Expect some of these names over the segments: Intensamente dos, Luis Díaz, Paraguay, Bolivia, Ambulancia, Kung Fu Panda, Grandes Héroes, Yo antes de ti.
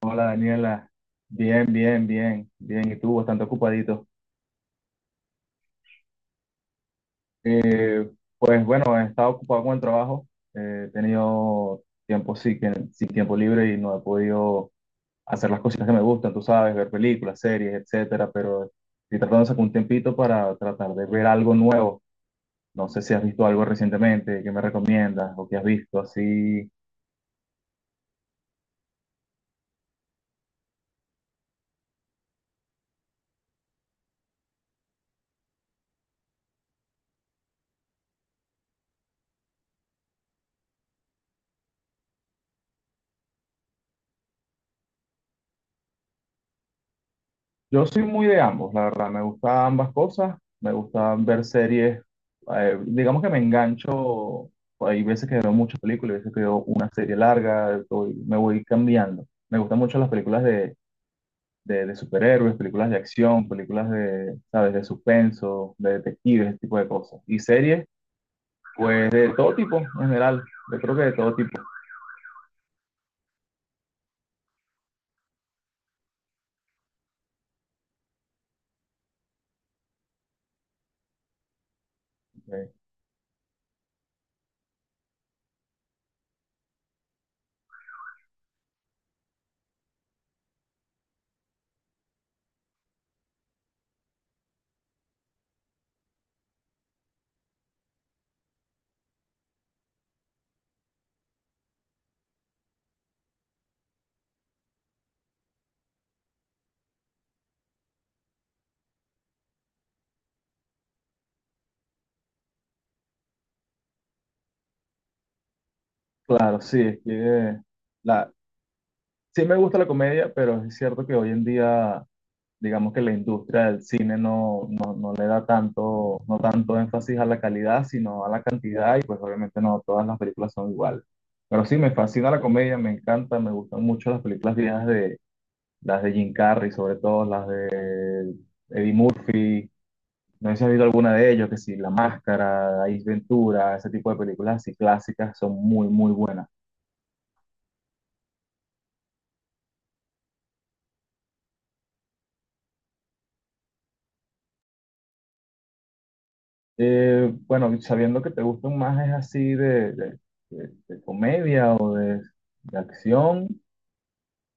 Hola Daniela, bien, bien, bien, bien, y tú bastante ocupadito. Eh, pues bueno, he estado ocupado con el trabajo, he tenido tiempo sí, sin tiempo libre y no he podido hacer las cositas que me gustan, tú sabes, ver películas, series, etcétera, pero estoy tratando de sacar un tiempito para tratar de ver algo nuevo. No sé si has visto algo recientemente, qué me recomiendas o qué has visto así. Yo soy muy de ambos, la verdad, me gusta ambas cosas, me gusta ver series, digamos que me engancho, hay veces que veo muchas películas, hay veces que veo una serie larga, me voy cambiando. Me gustan mucho las películas de, de superhéroes, películas de acción, películas de, ¿sabes?, de suspenso, de detectives, ese tipo de cosas. Y series, pues de todo tipo, en general, yo creo que de todo tipo. Eh, claro, sí, es que... la- Sí me gusta la comedia, pero es cierto que hoy en día, digamos que la industria del cine no le da tanto, no tanto énfasis a la calidad, sino a la cantidad, y pues obviamente no todas las películas son iguales. Pero sí, me fascina la comedia, me encanta, me gustan mucho las películas viejas de las de Jim Carrey, sobre todo las de Eddie Murphy. No sé si has visto alguna de ellos, que sí, La Máscara, Ace Ventura, ese tipo de películas así clásicas son muy, muy buenas. Bueno, sabiendo que te gustan más es así de comedia o de acción,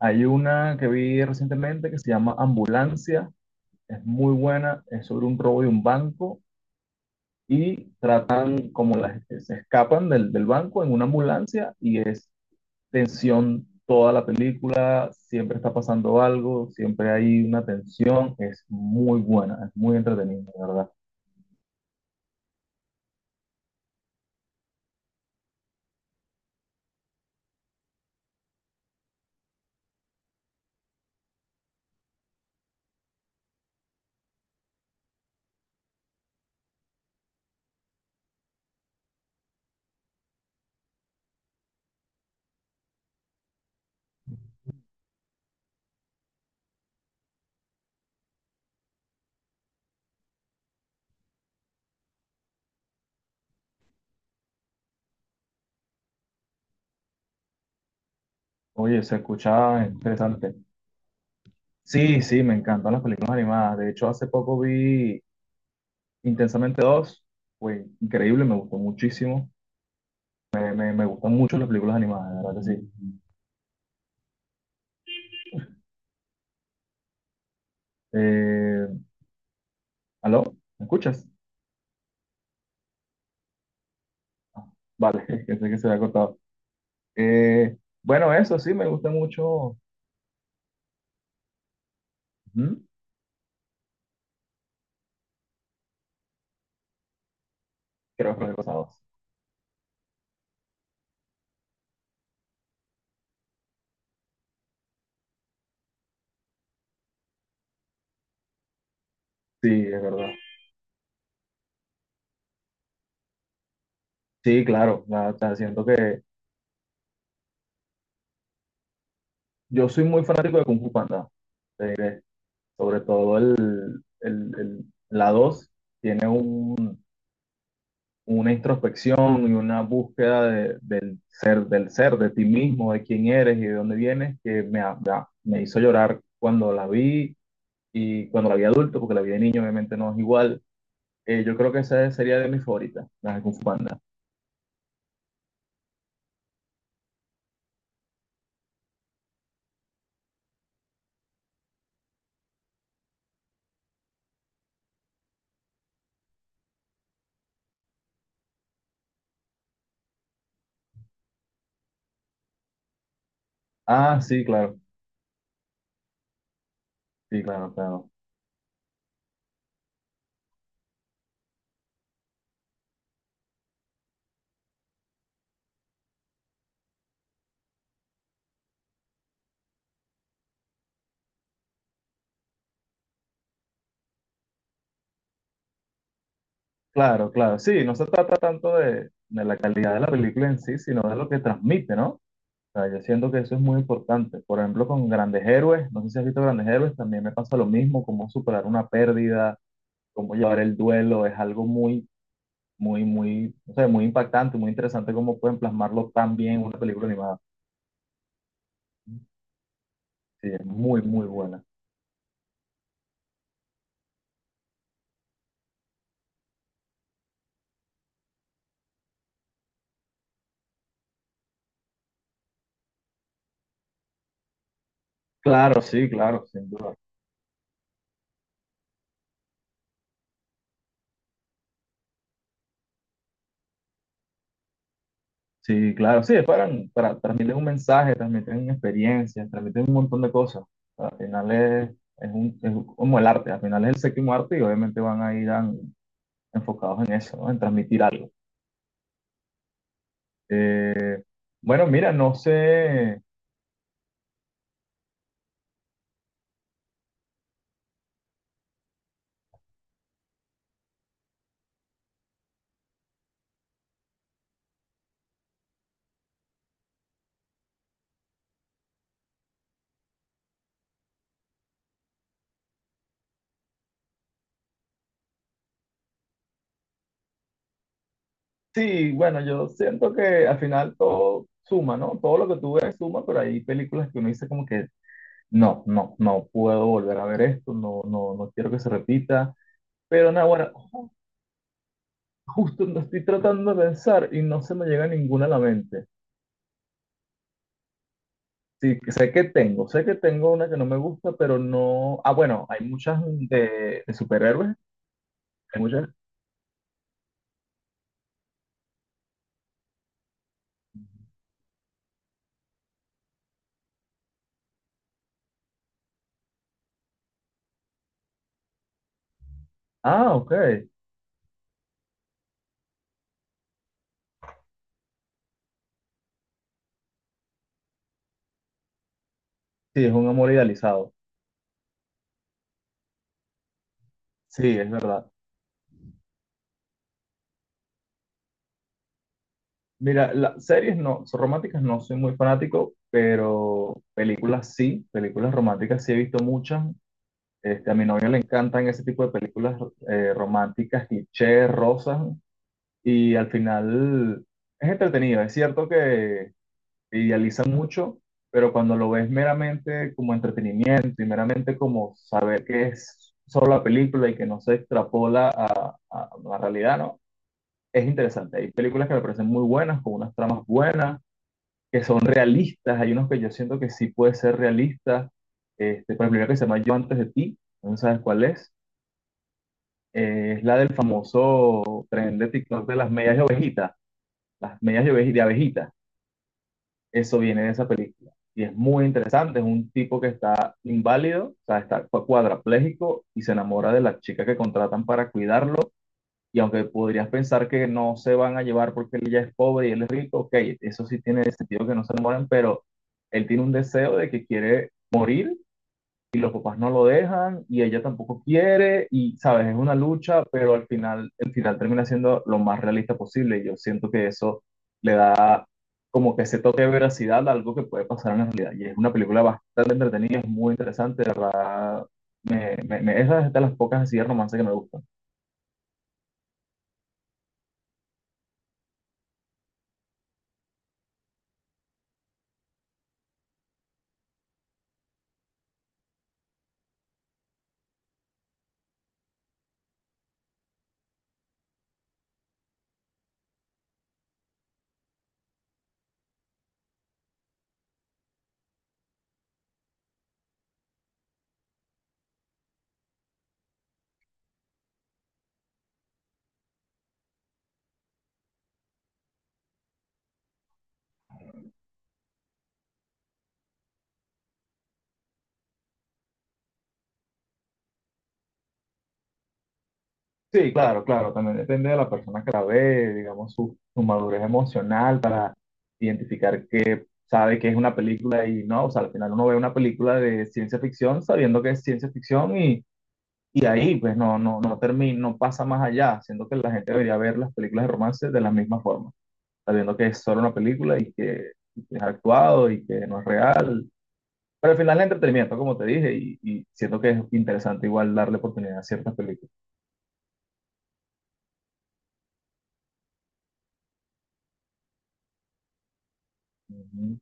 hay una que vi recientemente que se llama Ambulancia, es muy buena, es sobre un robo de un banco y tratan como las, se escapan del banco en una ambulancia y es tensión toda la película, siempre está pasando algo, siempre hay una tensión, es muy buena, es muy entretenida, de verdad. Oye, se escucha interesante. Sí, sí, me encantan las películas animadas. De hecho, hace poco vi Intensamente dos. Fue increíble, me gustó muchísimo. Me gustan mucho las películas animadas, de verdad que sí. Eh, ¿Aló? ¿Me escuchas? Vale, pensé que se había cortado. Eh, bueno, eso sí, me gusta mucho. Ujú. Creo que me he pasado. Sí, es verdad. Sí, claro. La siento que yo soy muy fanático de Kung Fu Panda. Te diré, sobre todo la 2 tiene un una introspección y una búsqueda del ser, de ti mismo, de quién eres y de dónde vienes, me me hizo llorar cuando la vi y cuando la vi adulto, porque la vi de niño obviamente no es igual. Yo creo que esa sería de mis favoritas, las de Kung Fu Panda. Ah, sí, claro, sí, claro, claro. Claro, claro, sí, no se trata tanto de la calidad de la película en sí, sino de lo que transmite, ¿no? O sea, yo siento que eso es muy importante. Por ejemplo, con Grandes Héroes, no sé si has visto Grandes Héroes, también me pasa lo mismo, como superar una pérdida, cómo llevar el duelo, es algo muy, muy, muy, no sé, muy impactante, muy interesante cómo pueden plasmarlo tan bien en una película animada. Sí, es muy, muy buena. Claro, sí, claro, sin duda. Sí, claro, sí, es para transmitir un mensaje, transmiten experiencias, transmiten un montón de cosas. Al final es, es como el arte, al final es el séptimo arte y obviamente van a enfocados en eso, ¿no? En transmitir algo. Eh, bueno, mira, no sé. Sí, bueno, yo siento que al final todo suma, ¿no? Todo lo que tú ves suma, pero hay películas que uno dice como que no, no puedo volver a ver esto, no, no quiero que se repita. Pero nada, bueno, justo lo estoy tratando de pensar y no se me llega ninguna a la mente. Sí, que sé que tengo una que no me gusta, pero no. Ah, bueno, hay muchas de superhéroes, hay muchas. Ah, ok. Sí, es un amor idealizado. Sí, es verdad. Mira, las series no, son románticas no soy muy fanático, pero películas sí, películas románticas sí he visto muchas. Este, a mi novio le encantan ese tipo de películas románticas, clichés, rosas, y al final es entretenido. Es cierto que idealizan mucho, pero cuando lo ves meramente como entretenimiento y meramente como saber que es solo la película y que no se extrapola a la realidad, ¿no? Es interesante. Hay películas que me parecen muy buenas, con unas tramas buenas que son realistas, hay unos que yo siento que sí puede ser realista, este, por ejemplo, hay una que se llama Yo antes de ti, no sabes cuál es. Es la del famoso tren de TikTok de las medias de ovejita, las medias de, de abejita, eso viene de esa película. Y es muy interesante, es un tipo que está inválido, o sea, está cuadraplégico y se enamora de la chica que contratan para cuidarlo. Y aunque podrías pensar que no se van a llevar porque él ya es pobre y él es rico, ok, eso sí tiene sentido que no se enamoren, pero él tiene un deseo de que quiere morir y los papás no lo dejan y ella tampoco quiere y, sabes, es una lucha, pero al final, el final termina siendo lo más realista posible. Y yo siento que eso le da como que ese toque de veracidad a algo que puede pasar en la realidad. Y es una película bastante entretenida, es muy interesante, de verdad. Esa es de las pocas así de romance que me gusta. Sí, claro, claro, también depende de la persona que la ve, digamos, su madurez emocional para identificar que sabe que es una película y no, o sea, al final uno ve una película de ciencia ficción sabiendo que es ciencia ficción y ahí pues no, no termina, no pasa más allá, siendo que la gente debería ver las películas de romance de la misma forma, sabiendo que es solo una película y que es actuado y que no es real, pero al final es entretenimiento, como te dije, y siento que es interesante igual darle oportunidad a ciertas películas. Ujú.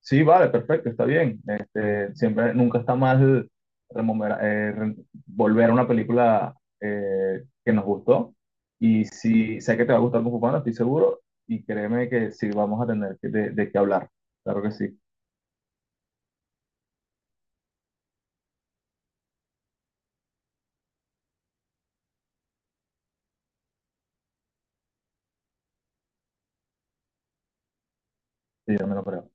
Sí, vale, perfecto, está bien. Este, siempre, nunca está mal rememora- eh, re- volver a una película que nos gustó. Y si sé que te va a gustar Kung Fu Panda, estoy seguro. Y créeme que sí vamos a tener de qué hablar. Claro que sí, sí, yo me lo creo.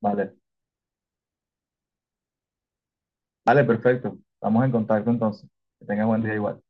Vale, vale, perfecto. Estamos en contacto entonces. Que tengas buen día igual.